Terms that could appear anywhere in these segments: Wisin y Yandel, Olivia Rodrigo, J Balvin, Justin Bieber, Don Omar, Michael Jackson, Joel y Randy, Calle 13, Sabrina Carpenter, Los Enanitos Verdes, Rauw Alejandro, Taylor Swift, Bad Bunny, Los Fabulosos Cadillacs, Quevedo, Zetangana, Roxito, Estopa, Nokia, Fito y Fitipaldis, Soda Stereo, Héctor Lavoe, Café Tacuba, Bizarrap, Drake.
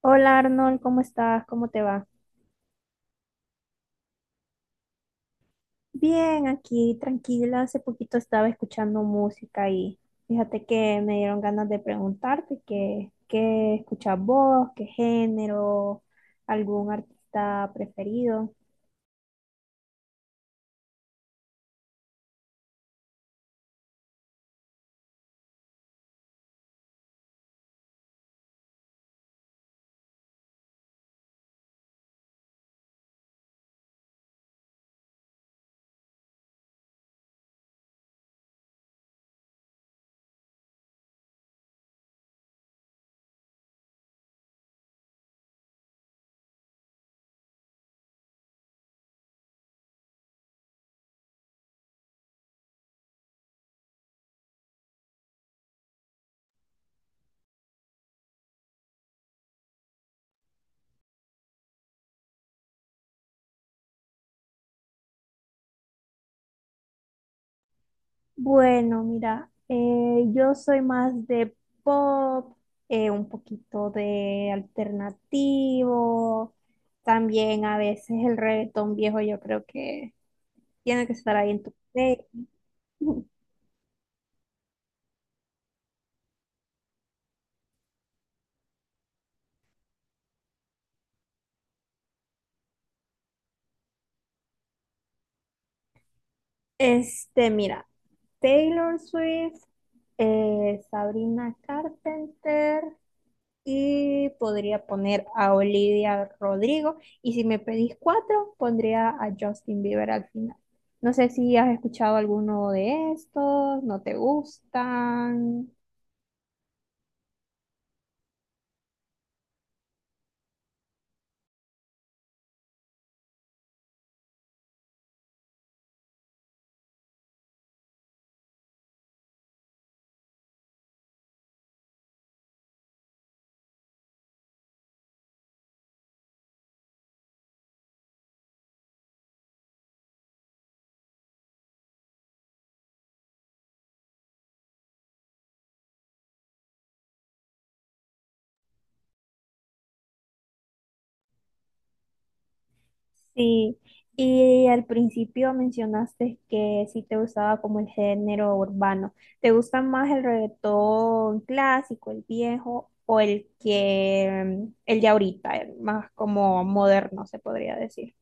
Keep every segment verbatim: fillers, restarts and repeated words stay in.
Hola, Arnold, ¿cómo estás? ¿Cómo te va? Bien, aquí tranquila. Hace poquito estaba escuchando música y fíjate que me dieron ganas de preguntarte qué, qué escuchas vos, qué género, algún artista preferido. Bueno, mira, eh, yo soy más de pop, eh, un poquito de alternativo, también a veces el reggaetón viejo yo creo que tiene que estar ahí en tu play. Este, mira, Taylor Swift, eh, Sabrina Carpenter y podría poner a Olivia Rodrigo. Y si me pedís cuatro, pondría a Justin Bieber al final. No sé si has escuchado alguno de estos, no te gustan. Sí, y al principio mencionaste que sí te gustaba como el género urbano. ¿Te gusta más el reggaetón clásico, el viejo, o el que, el de ahorita, el más como moderno, se podría decir?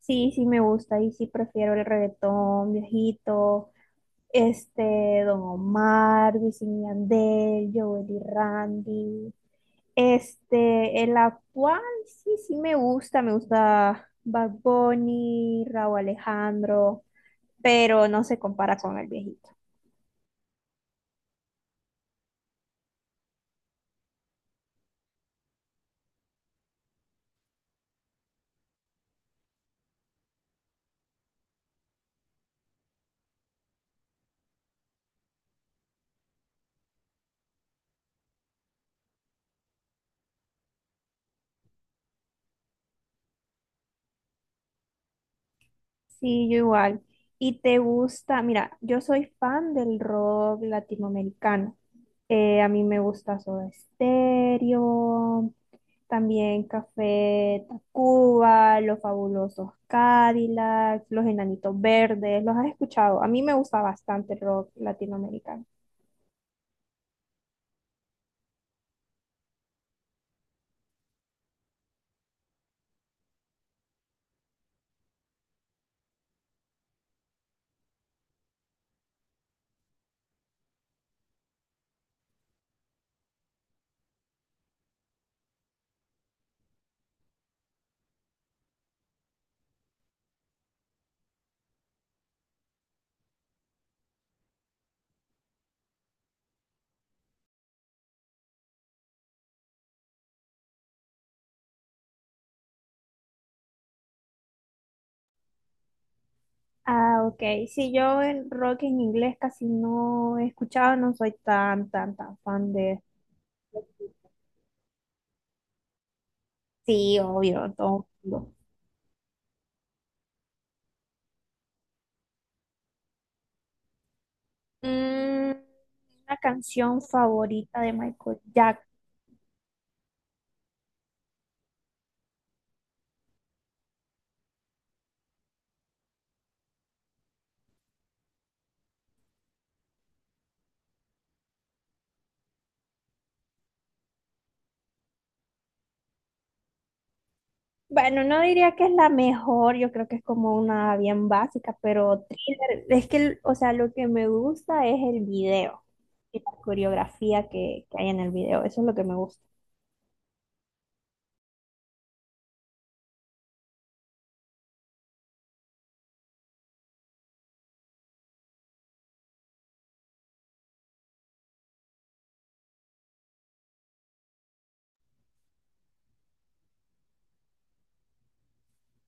Sí, sí me gusta y sí prefiero el reggaetón viejito, este, Don Omar, Wisin y Yandel, Joel y Randy. Este, el actual sí, sí me gusta, me gusta Bad Bunny, Rauw Alejandro, pero no se compara con el viejito. Sí, yo igual. ¿Y te gusta? Mira, yo soy fan del rock latinoamericano. Eh, a mí me gusta Soda Stereo, también Café Tacuba, Los Fabulosos Cadillacs, Los Enanitos Verdes. ¿Los has escuchado? A mí me gusta bastante el rock latinoamericano. Ah, ok. Sí, yo el rock en inglés casi no he escuchado, no soy tan, tan, tan fan de... Sí, obvio, todo. Mm, una canción favorita de Michael Jackson. Bueno, no diría que es la mejor, yo creo que es como una bien básica, pero Thriller, es que, el- o sea, lo que me gusta es el video y la coreografía que, que hay en el video, eso es lo que me gusta.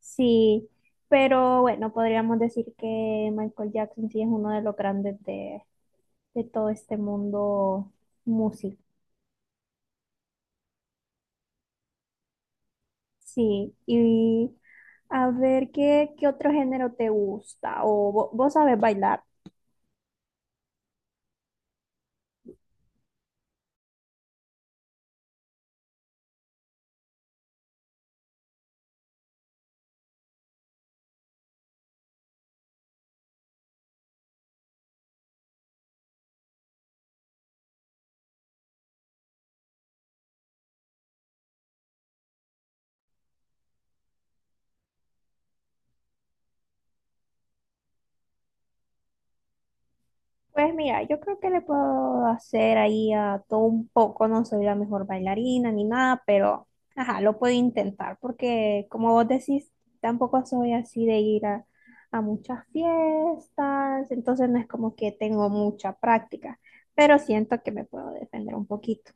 Sí, pero bueno, podríamos decir que Michael Jackson sí es uno de los grandes de, de todo este mundo musical. Sí, y a ver, ¿qué, qué otro género te gusta? ¿O vo- vos sabes bailar? Pues mira, yo creo que le puedo hacer ahí a todo un poco, no soy la mejor bailarina ni nada, pero ajá, lo puedo intentar porque como vos decís, tampoco soy así de ir a, a muchas fiestas, entonces no es como que tengo mucha práctica, pero siento que me puedo defender un poquito.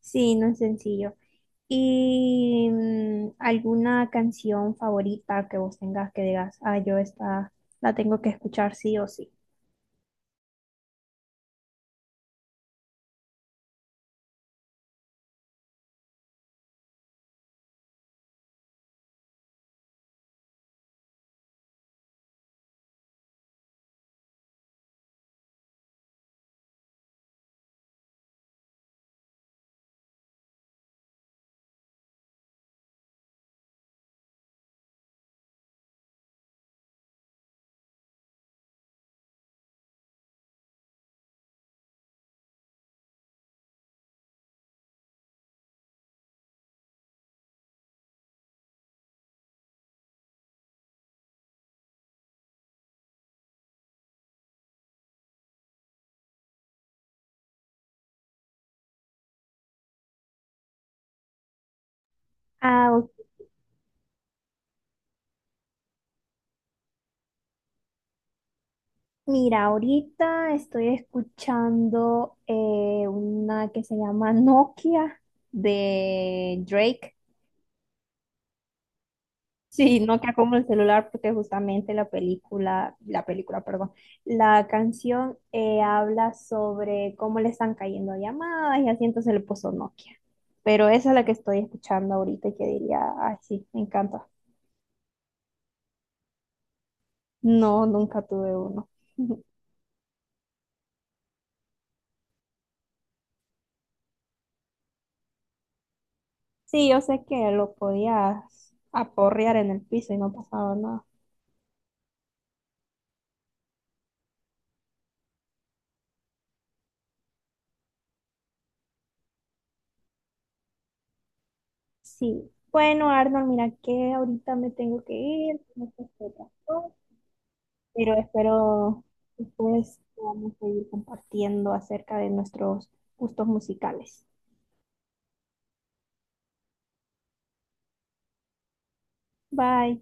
Sí, no es sencillo. ¿Y mm, alguna canción favorita que vos tengas que digas, ah, yo esta la tengo que escuchar sí o sí? Ah, ok. Mira, ahorita estoy escuchando eh, una que se llama Nokia de Drake. Sí, Nokia como el celular, porque justamente la película, la película, perdón, la canción eh, habla sobre cómo le están cayendo llamadas y así, entonces le puso Nokia. Pero esa es la que estoy escuchando ahorita y que diría, ay, sí, me encanta. No, nunca tuve uno. Sí, yo sé que lo podías aporrear en el piso y no pasaba nada. Sí. Bueno, Arnold, mira que ahorita me tengo que ir, tengo que hacer otras, pero espero después podamos seguir compartiendo acerca de nuestros gustos musicales. Bye.